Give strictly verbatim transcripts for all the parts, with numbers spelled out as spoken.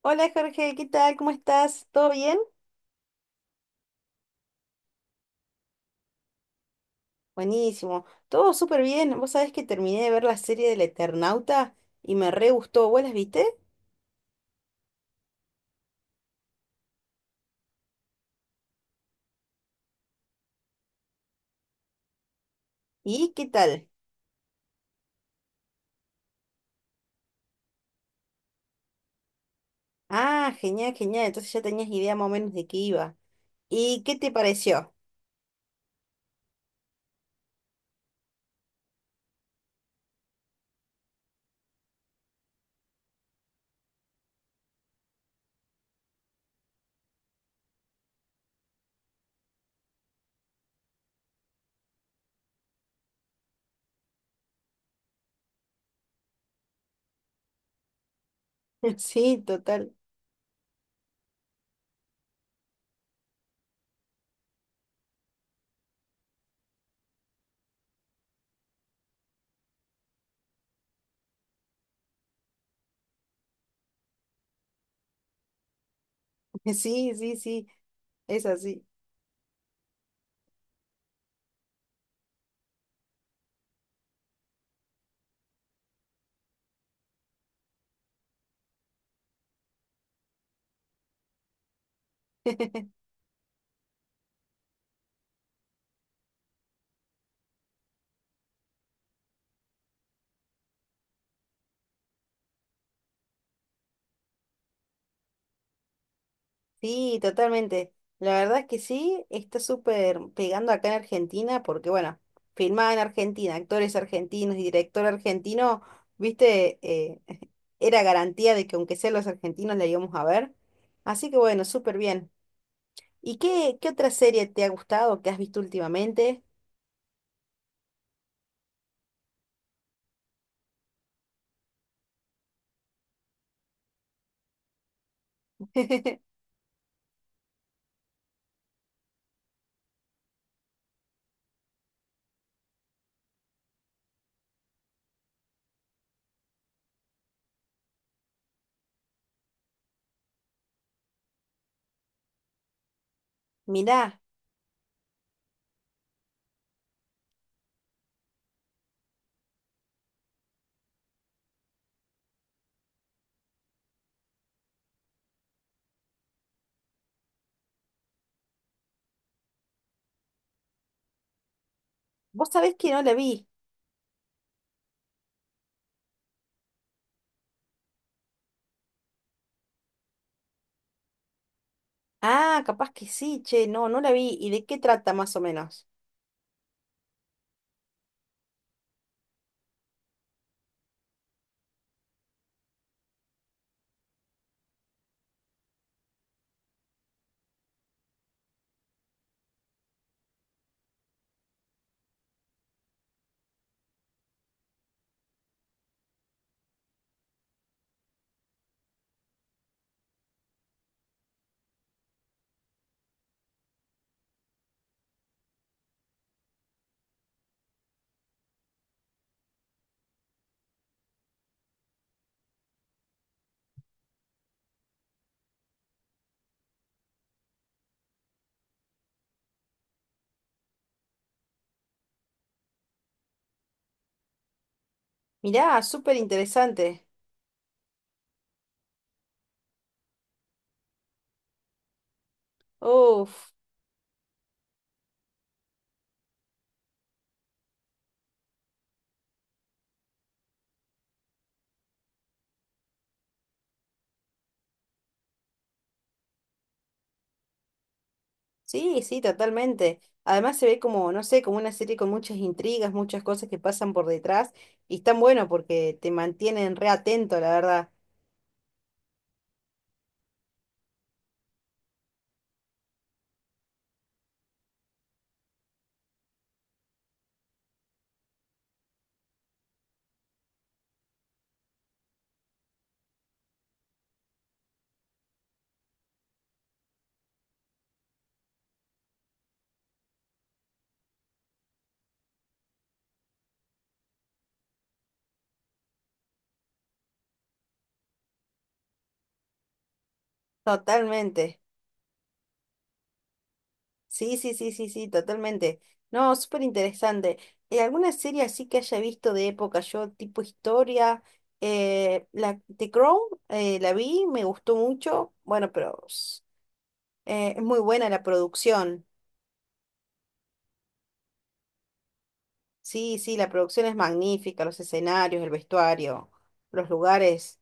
Hola Jorge, ¿qué tal? ¿Cómo estás? ¿Todo bien? Buenísimo, todo súper bien. Vos sabés que terminé de ver la serie del Eternauta y me re gustó. ¿Vos las viste? ¿Y qué tal? Ah, genial, genial. Entonces ya tenías idea más o menos de qué iba. ¿Y qué te pareció? Sí, total. Sí, sí, sí, es así. Sí, totalmente. La verdad es que sí, está súper pegando acá en Argentina porque, bueno, filmada en Argentina, actores argentinos y director argentino, viste, eh, era garantía de que aunque sea los argentinos la íbamos a ver. Así que bueno, súper bien. ¿Y qué, qué otra serie te ha gustado que has visto últimamente? Mirá, vos sabés que no la vi. Ah, capaz que sí, che, no, no la vi. ¿Y de qué trata más o menos? Mirá, súper interesante. Uf. Sí, sí, totalmente. Además se ve como, no sé, como una serie con muchas intrigas, muchas cosas que pasan por detrás y están bueno porque te mantienen re atento, la verdad. Totalmente. Sí, sí, sí, sí, sí, totalmente. No, súper interesante. Eh, ¿alguna serie así que haya visto de época? Yo, tipo historia, eh, la The Crown, eh, la vi, me gustó mucho. Bueno, pero s- eh, es muy buena la producción. Sí, sí, la producción es magnífica, los escenarios, el vestuario, los lugares,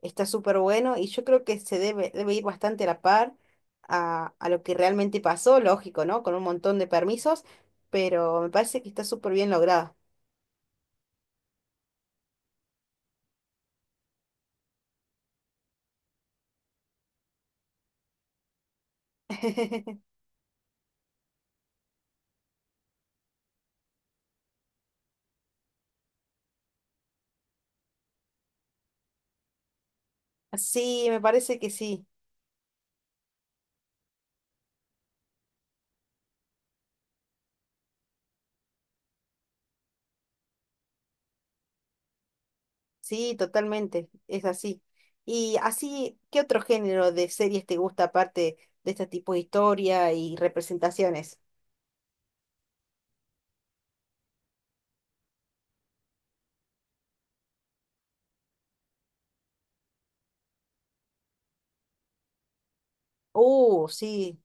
está súper bueno y yo creo que se debe, debe ir bastante a la par a, a lo que realmente pasó, lógico, ¿no? Con un montón de permisos, pero me parece que está súper bien lograda. Sí, me parece que sí, sí, totalmente, es así. Y así, ¿qué otro género de series te gusta aparte de este tipo de historia y representaciones? Uh, sí.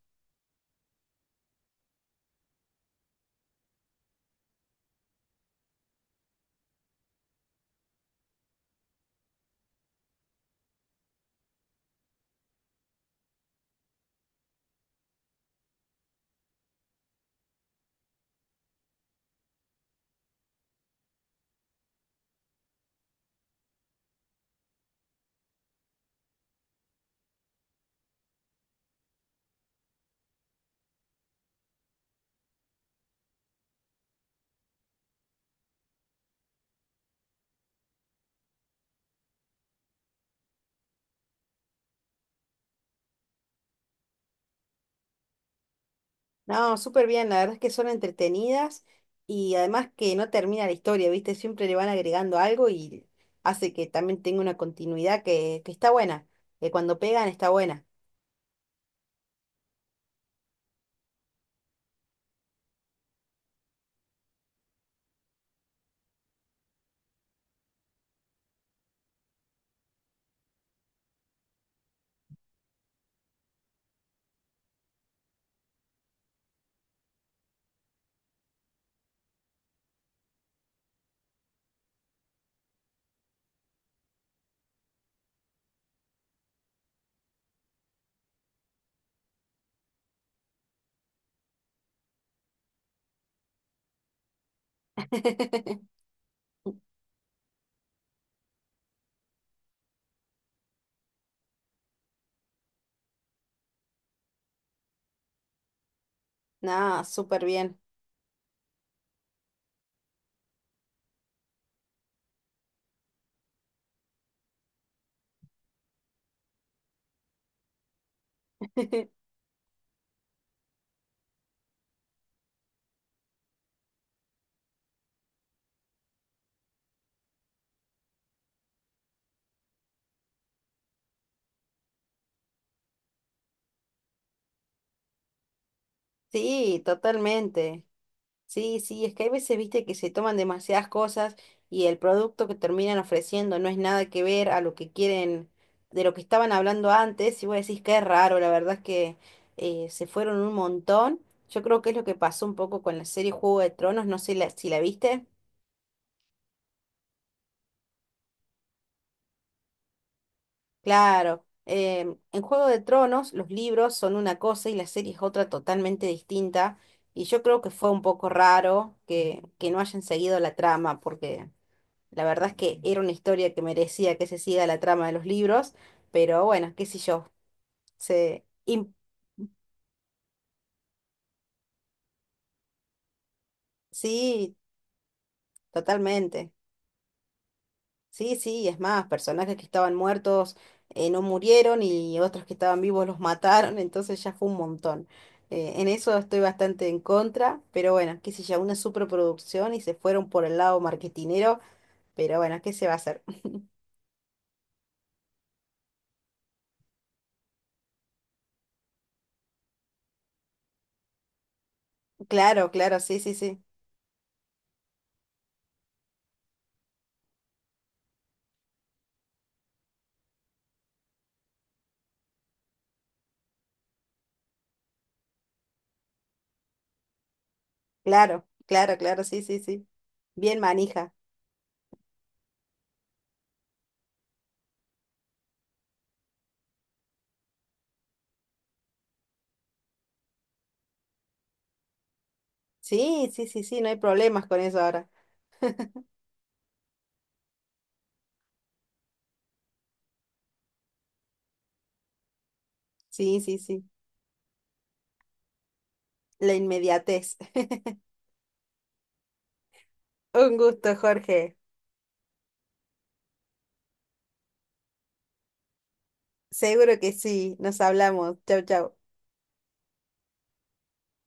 No, súper bien, la verdad es que son entretenidas y además que no termina la historia, ¿viste? Siempre le van agregando algo y hace que también tenga una continuidad que, que está buena, que cuando pegan está buena. No, súper bien. Sí, totalmente. Sí, sí, es que hay veces, viste, que se toman demasiadas cosas y el producto que terminan ofreciendo no es nada que ver a lo que quieren, de lo que estaban hablando antes, y vos decís que es raro, la verdad es que eh, se fueron un montón. Yo creo que es lo que pasó un poco con la serie Juego de Tronos, no sé la- si la viste. Claro, em, en Juego de Tronos los libros son una cosa y la serie es otra totalmente distinta, y yo creo que fue un poco raro que, que no hayan seguido la trama, porque... La verdad es que era una historia que merecía que se siga la trama de los libros, pero bueno, qué sé yo. Se... im- Sí, totalmente. Sí, sí, es más, personajes que estaban muertos eh, no murieron y otros que estaban vivos los mataron, entonces ya fue un montón. Eh, en eso estoy bastante en contra, pero bueno, qué sé yo, una superproducción y se fueron por el lado marketinero, pero bueno, ¿qué se va a hacer? Claro, claro, sí, sí, sí. Claro, claro, claro, sí, sí, sí. Bien manija. Sí, sí, sí, sí, no hay problemas con eso ahora. Sí, sí, sí, la inmediatez. Un gusto, Jorge. Seguro que sí, nos hablamos. Chau, chau.